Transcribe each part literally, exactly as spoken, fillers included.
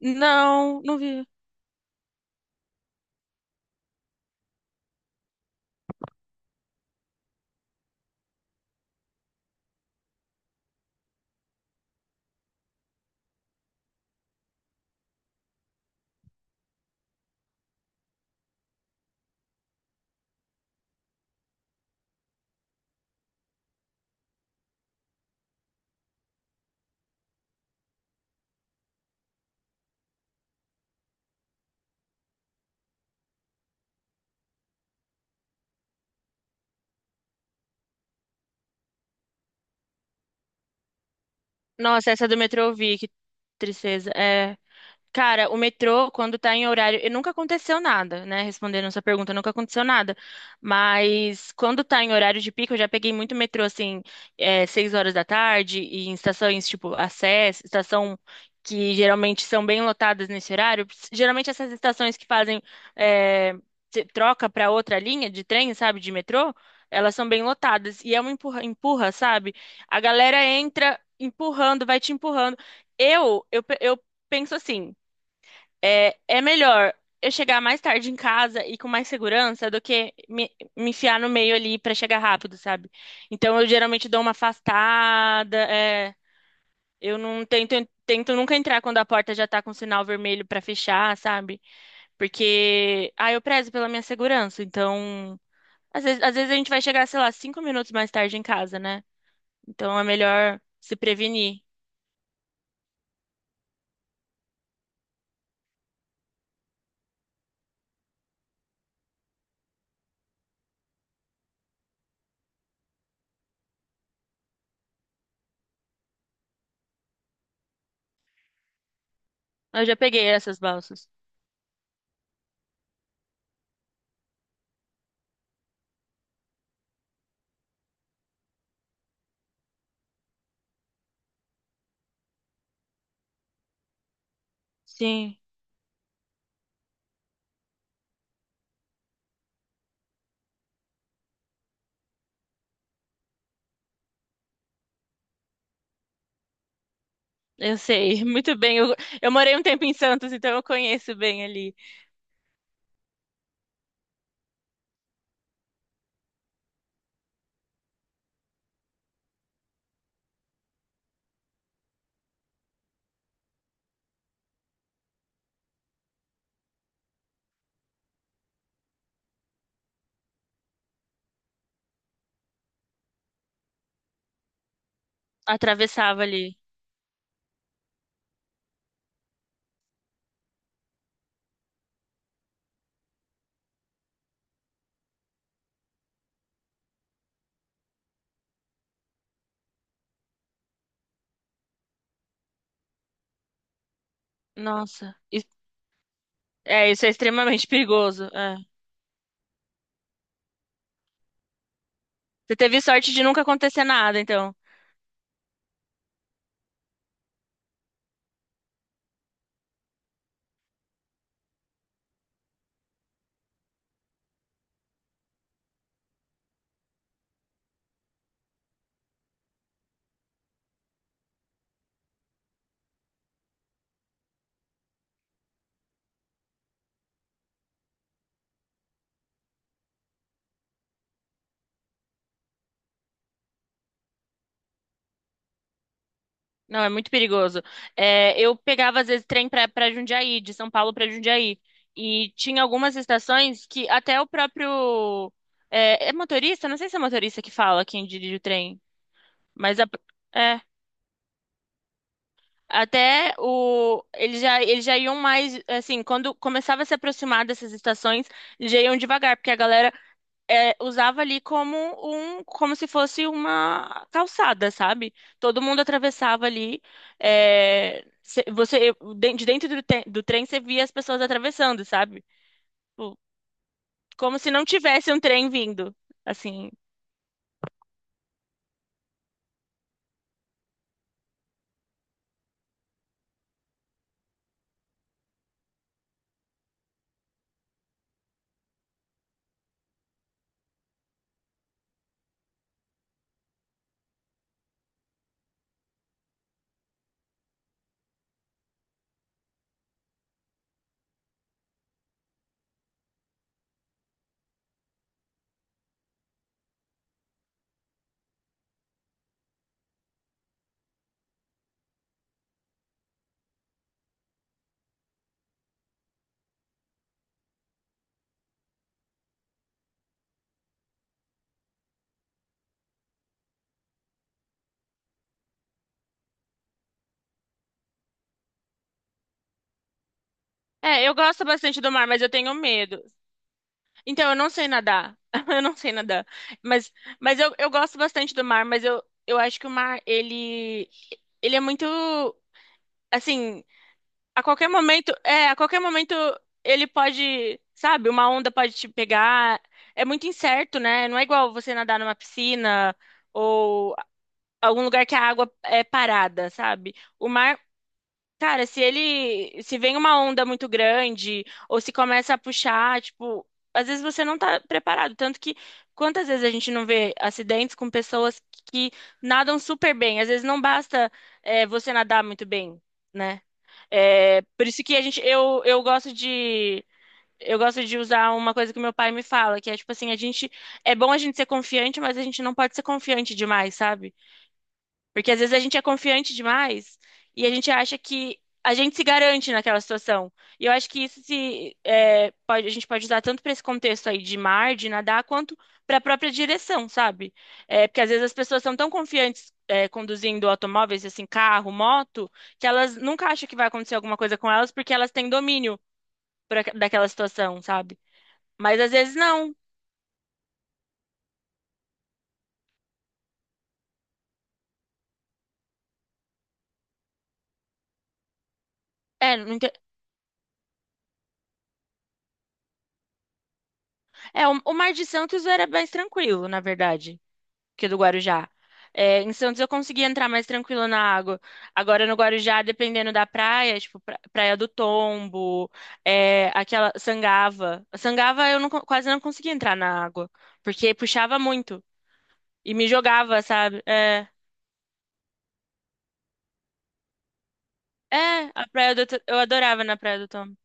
Não, não vi. Nossa, essa do metrô eu vi, que tristeza. É, Cara, o metrô, quando tá em horário, e nunca aconteceu nada, né? Respondendo essa pergunta, nunca aconteceu nada. Mas quando tá em horário de pico, eu já peguei muito metrô, assim, é, seis horas da tarde, e em estações tipo Acess, estação que geralmente são bem lotadas nesse horário. Geralmente essas estações que fazem é, se- troca pra outra linha de trem, sabe, de metrô, elas são bem lotadas. E é uma empurra, empurra, sabe? A galera entra empurrando, vai te empurrando. Eu, eu, pe- eu penso assim. É, é melhor eu chegar mais tarde em casa e com mais segurança do que me, me enfiar no meio ali pra chegar rápido, sabe? Então eu geralmente dou uma afastada, é, eu não tento, tento nunca entrar quando a porta já tá com sinal vermelho pra fechar, sabe? Porque, ah, eu prezo pela minha segurança, então às vezes, às vezes a gente vai chegar, sei lá, cinco minutos mais tarde em casa, né? Então é melhor se prevenir. Eu já peguei essas balsas. Sim. Eu sei, muito bem. Eu, eu morei um tempo em Santos, então eu conheço bem ali. Atravessava ali. Nossa, isso- é, isso é extremamente perigoso. É. Você teve sorte de nunca acontecer nada, então. Não, é muito perigoso. É, eu pegava, às vezes, trem pra, pra Jundiaí, de São Paulo pra Jundiaí. E tinha algumas estações que até o próprio. É, é motorista? Não sei se é motorista que fala quem dirige o trem, mas a, é. Até o eles já eles já iam mais assim, quando começava a se aproximar dessas estações, eles já iam devagar, porque a galera é, usava ali como um como se fosse uma calçada, sabe? Todo mundo atravessava ali. É, cê- você de de dentro do, te- do trem você via as pessoas atravessando, sabe? Tipo, como se não tivesse um trem vindo, assim. É, eu gosto bastante do mar, mas eu tenho medo. Então, eu não sei nadar. Eu não sei nadar. Mas, mas eu, eu gosto bastante do mar, mas eu, eu acho que o mar, ele, ele é muito, assim, a qualquer momento, é, a qualquer momento ele pode, sabe, uma onda pode te pegar. É muito incerto, né? Não é igual você nadar numa piscina ou algum lugar que a água é parada, sabe? O mar. Cara, se ele, se vem uma onda muito grande ou se começa a puxar, tipo, às vezes você não tá preparado, tanto que quantas vezes a gente não vê acidentes com pessoas que nadam super bem, às vezes não basta é, você nadar muito bem, né? É, por isso que a gente, eu, eu gosto de. Eu gosto de usar uma coisa que meu pai me fala, que é tipo assim, a gente é bom a gente ser confiante, mas a gente não pode ser confiante demais, sabe? Porque às vezes a gente é confiante demais e a gente acha que a gente se garante naquela situação. E eu acho que isso se é, pode- a gente pode usar tanto para esse contexto aí de mar, de nadar, quanto para a própria direção, sabe? É, porque às vezes as pessoas são tão confiantes é, conduzindo automóveis, assim, carro, moto, que elas nunca acham que vai acontecer alguma coisa com elas porque elas têm domínio por aqu- daquela situação, sabe? Mas às vezes não. É, não ente- é, o o Mar de Santos era mais tranquilo, na verdade. Que é do Guarujá. É, em Santos eu conseguia entrar mais tranquilo na água. Agora no Guarujá, dependendo da praia, tipo pra- Praia do Tombo, é, aquela Sangava. Sangava eu não co- quase não conseguia entrar na água, porque puxava muito e me jogava, sabe? É, é, a Praia do, To- eu adorava na Praia do Tombo.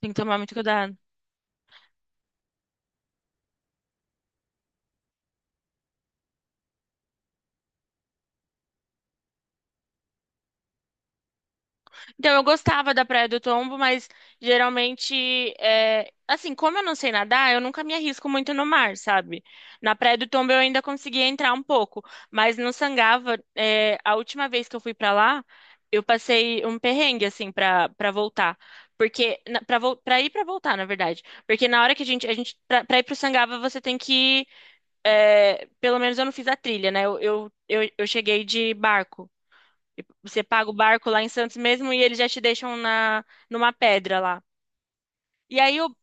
Tem que tomar muito cuidado. Então, eu gostava da Praia do Tombo, mas geralmente, é, assim, como eu não sei nadar, eu nunca me arrisco muito no mar, sabe? Na Praia do Tombo eu ainda conseguia entrar um pouco, mas no Sangava, é, a última vez que eu fui pra lá, eu passei um perrengue, assim, pra, pra voltar. Porque, na, pra, vol- pra ir e pra voltar, na verdade. Porque na hora que a gente, a gente pra, pra ir pro Sangava, você tem que, é, pelo menos eu não fiz a trilha, né? eu, eu, eu eu cheguei de barco. Você paga o barco lá em Santos mesmo e eles já te deixam na numa pedra lá. E aí o,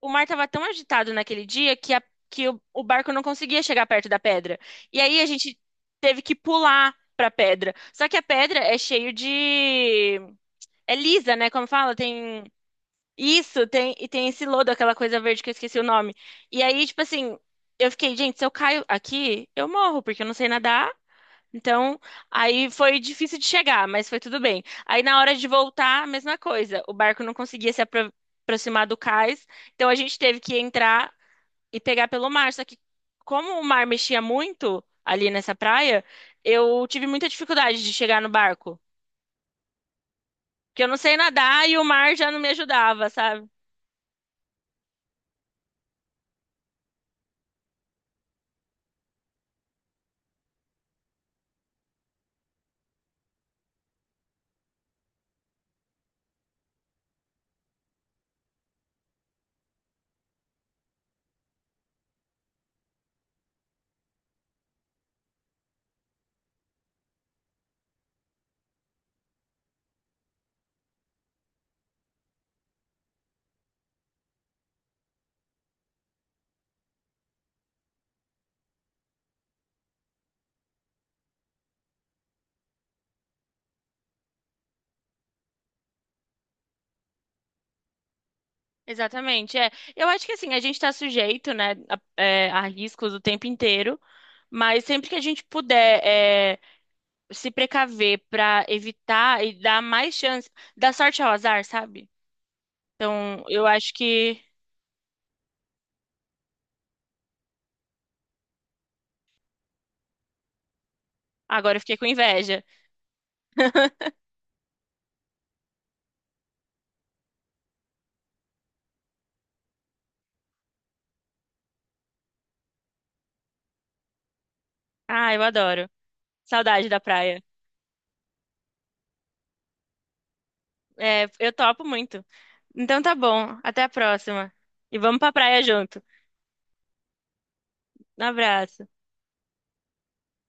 o mar tava tão agitado naquele dia que, a- que o, o barco não conseguia chegar perto da pedra. E aí a gente teve que pular pra pedra. Só que a pedra é cheio de... É lisa, né? Como fala, tem isso, tem e tem esse lodo, aquela coisa verde que eu esqueci o nome. E aí, tipo assim, eu fiquei, gente, se eu caio aqui, eu morro, porque eu não sei nadar então, aí foi difícil de chegar, mas foi tudo bem. Aí na hora de voltar, a mesma coisa. O barco não conseguia se apro- aproximar do cais, então a gente teve que entrar e pegar pelo mar. Só que como o mar mexia muito ali nessa praia, eu tive muita dificuldade de chegar no barco, porque eu não sei nadar e o mar já não me ajudava, sabe? Exatamente, é. Eu acho que assim, a gente está sujeito, né, a, é, a riscos o tempo inteiro, mas sempre que a gente puder, se precaver para evitar e dar mais chance, dar sorte ao azar, sabe? Então, eu acho que agora eu fiquei com inveja. Ah, eu adoro. Saudade da praia. É, eu topo muito. Então tá bom, até a próxima. E vamos pra praia junto. Um abraço.